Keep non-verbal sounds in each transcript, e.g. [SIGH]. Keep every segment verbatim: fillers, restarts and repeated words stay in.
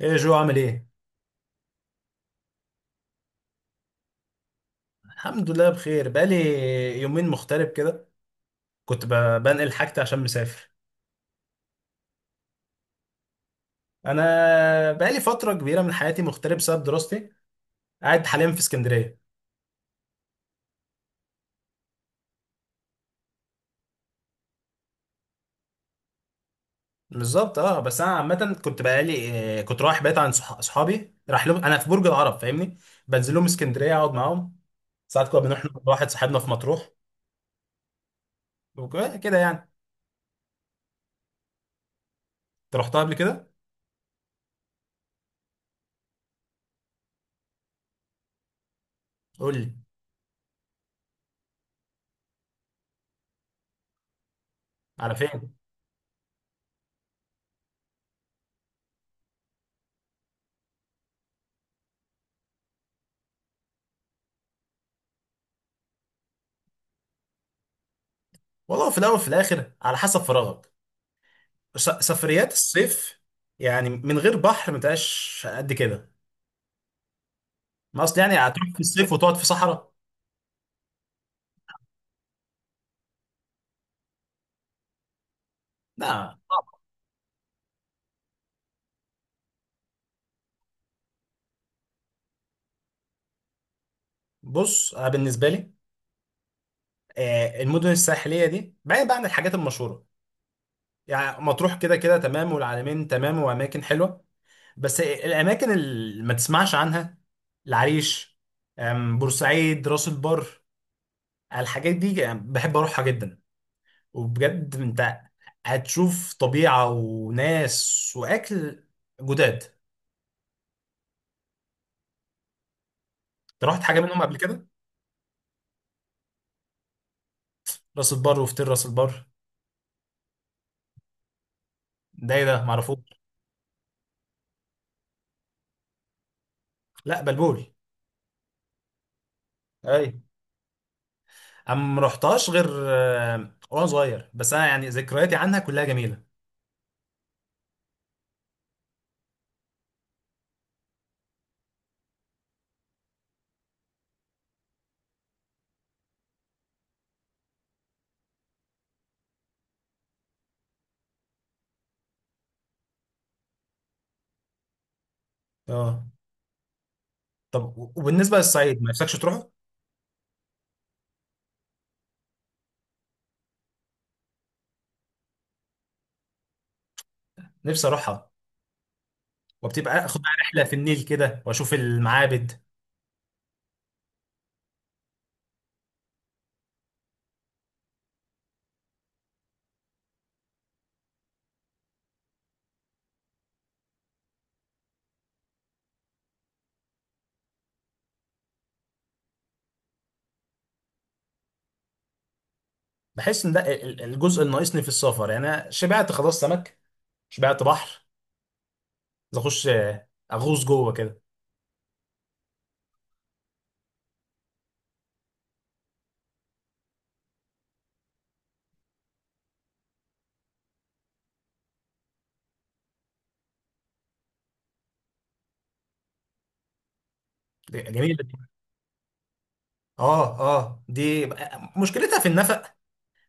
ايه جو عامل ايه؟ الحمد لله بخير. بقالي يومين مغترب كده. كنت ب- بنقل حاجتي عشان مسافر. انا بقالي فترة كبيرة من حياتي مغترب بسبب دراستي. قاعد حاليا في اسكندرية. بالظبط اه، بس انا عامة كنت بقالي. آه، كنت رايح بيت عند صح- صحابي، راح لهم انا في برج العرب، فاهمني؟ بنزل لهم اسكندرية اقعد معاهم. ساعات كنا بنروح نقعد مع واحد صاحبنا في مطروح. وك- كده يعني. انت رحتها قبل كده؟ قول لي على فين؟ والله في الاول وفي الاخر على حسب فراغك. س- سفريات الصيف يعني من غير بحر ما تبقاش قد كده. ما اصل يعني هتروح في الصيف وتقعد في صحراء؟ لا صعب. بص انا بالنسبه لي، آه، المدن الساحليه دي بعيد بقى عن الحاجات المشهوره. يعني مطروح كده كده تمام، والعلمين تمام، واماكن حلوه. بس الاماكن اللي ما تسمعش عنها، العريش، آم، بورسعيد، راس البر، الحاجات دي آه، بحب اروحها جدا. وبجد انت هتشوف طبيعه وناس واكل جداد. رحت حاجه منهم قبل كده؟ راس البر، وفتير راس البر ده ايه ده معرفوش. لا بلبول. اي، انا ما رحتهاش غير آه، وانا صغير، بس انا يعني ذكرياتي عنها كلها جميله. اه. طب و- وبالنسبه للصعيد ما نفسكش تروحه؟ نفسي اروحها، وبتبقى اخد بقى رحله في النيل كده واشوف المعابد. بحس ان ده ال- ال- الجزء اللي ناقصني في السفر. يعني انا شبعت خلاص سمك، شبعت بحر. عايز اخش آه، اغوص جوه كده. جميل. اه اه، دي بقى مشكلتها في النفق،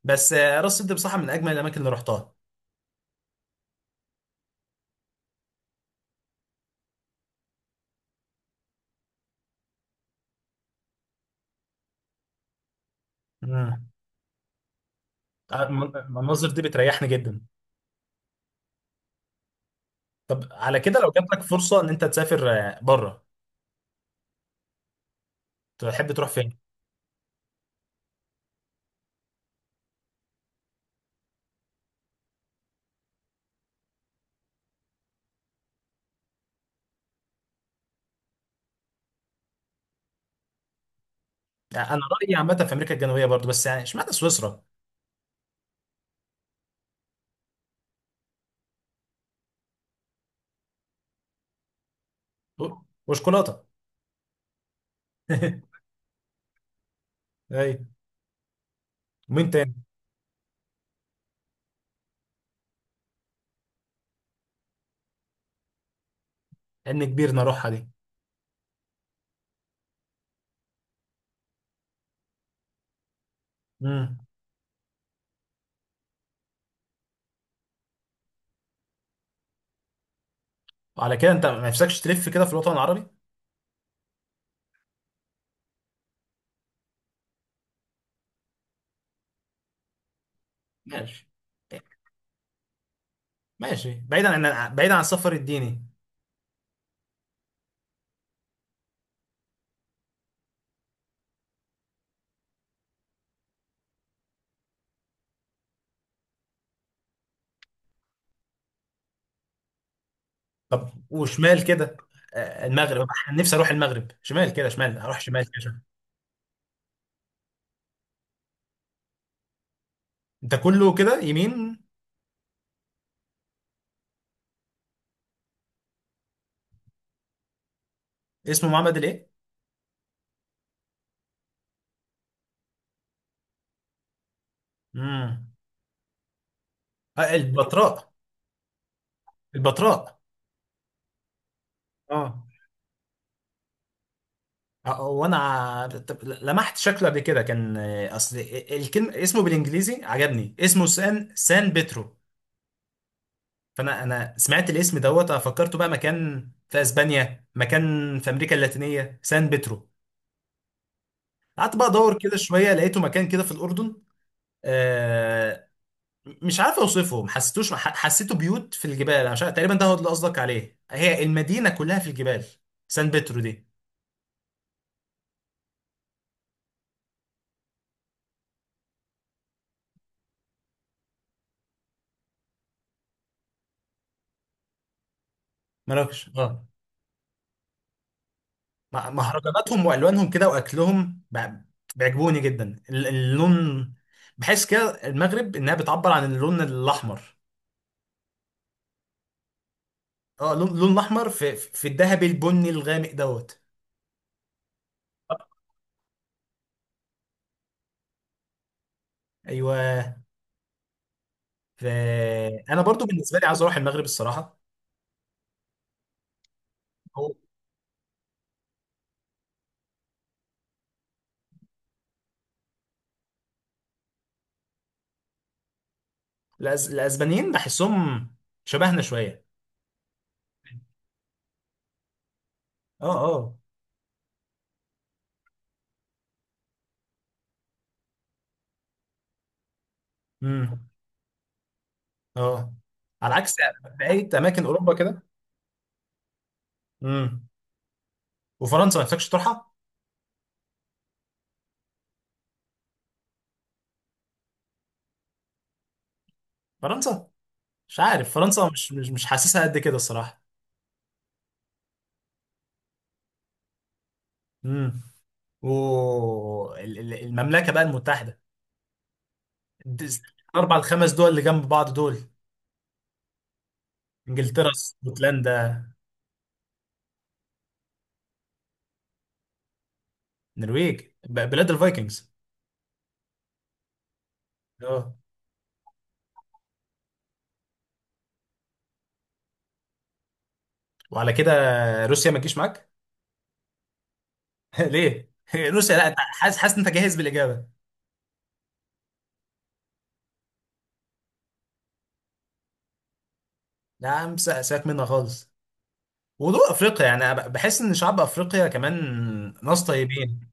بس آه، راس سد بصراحه من اجمل الاماكن اللي رحتها. مم. آه، من- المناظر دي بتريحني جدا. طب على كده لو جات لك فرصه ان انت تسافر آه، بره، تحب تروح فين؟ يعني انا رايي عامه في امريكا الجنوبيه برضو، بس يعني اشمعنى سويسرا؟ و- وشوكولاته. [LAUGHS] اي. ومين تاني؟ عين كبير نروحها دي. مم. وعلى كده انت ما نفسكش تلف كده في الوطن العربي؟ ماشي. ماشي، بعيدا عن، بعيدا عن السفر الديني. طب وشمال كده، آه، المغرب أنا نفسي اروح المغرب، شمال كده، شمال، اروح شمال كده. ده كله كده يمين. اسمه معبد الايه؟ امم. آه، البتراء. البتراء. اه. آه، وانا ع- طب لمحت شكله قبل كده، كان آه، اصل الكلمه اسمه بالانجليزي عجبني، اسمه سان، سان بيترو. فانا انا سمعت الاسم دوت، آه، فكرته بقى مكان في اسبانيا، مكان في امريكا اللاتينيه سان بيترو. قعدت بقى ادور كده شويه، لقيته مكان كده في الاردن. آه، مش عارف اوصفه، ما حسيتوش، ح- حسيته بيوت في الجبال، أنا مش عارف. تقريبا ده هو اللي قصدك عليه، هي المدينه كلها في الجبال، سان بيترو دي. مراكش اه. مع- مهرجاناتهم والوانهم كده واكلهم بع- بيعجبوني جدا. ال- اللون، بحس كده المغرب انها بتعبر عن اللون الاحمر. اه، اللون، اللون الاحمر، في في الذهبي، البني الغامق دوت. ايوه. ف، انا برضو بالنسبه لي عاوز اروح المغرب الصراحه. هو الأز- الاسبانيين بحسهم شبهنا شويه. اه. اه. امم. اه. على عكس بقية اماكن اوروبا كده. امم. وفرنسا ما نفسكش تروحها؟ فرنسا، مش عارف فرنسا، مش مش مش حاسسها قد كده الصراحه. امم. و، ال- ال- المملكه بقى المتحده، د، الاربع الخمس دول اللي جنب بعض دول، انجلترا، اسكتلندا، النرويج، ب- بلاد الفايكنجز. اه. وعلى كده روسيا ما تجيش معاك؟ [LAUGHS] ليه؟ [LAUGHS] روسيا لا، أنت حاسس، حاسس إن انت جاهز بالاجابه. لا يا عم سيبك منها خالص. موضوع افريقيا، يعني أنا ب- بحس ان شعب افريقيا كمان ناس طيبين.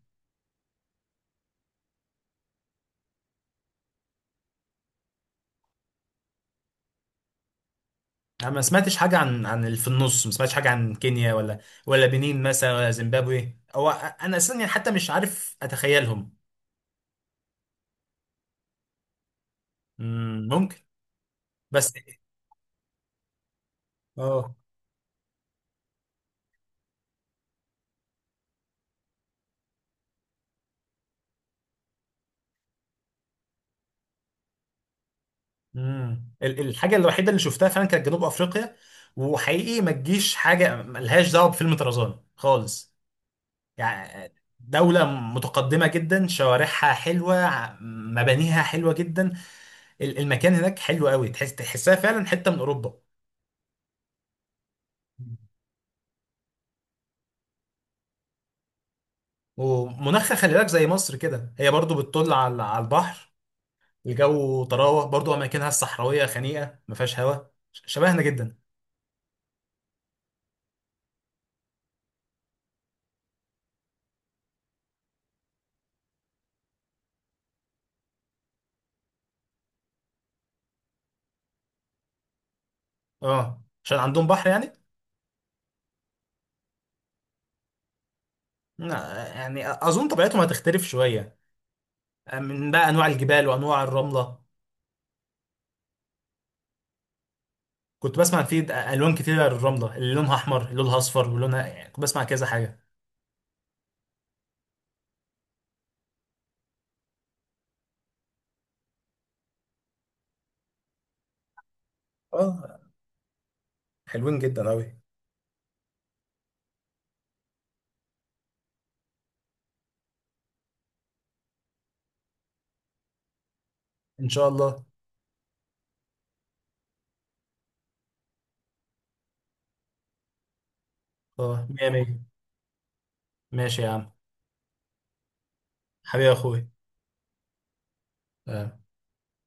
انا ما سمعتش حاجه عن، عن اللي في النص، ما سمعتش حاجه عن كينيا، ولا ولا بنين مثلا، ولا زيمبابوي، او انا اساسا يعني حتى مش عارف اتخيلهم. مم، ممكن، بس. اه. مم. ال- الحاجه الوحيده اللي شفتها فعلا كانت جنوب افريقيا، وحقيقي ما تجيش حاجه ملهاش دعوه بفيلم طرزان خالص. يعني دولة متقدمة جدا، شوارعها حلوة، ع- مبانيها حلوة جدا. ال- المكان هناك حلو قوي، تحس، تحسها فعلا حته من اوروبا. ومناخها خلي بالك زي مصر كده، هي برضو بتطل على، على البحر. الجو طراوه، برضو اماكنها الصحراويه خنيقه ما فيهاش هوا. ش- شبهنا جدا. اه، عشان عندهم بحر يعني. لا، يعني اظن طبيعتهم هتختلف شويه، من بقى انواع الجبال وانواع الرمله. كنت بسمع في، د، الوان كتيره للرمله، اللي لونها احمر، اللي لونها اصفر، ولونها، يعني كنت بسمع كذا حاجه. اه. حلوين جدا أوي. إن شاء الله. أه، مية مية. ماشي يا عم. حبيبي يا أخوي. آه،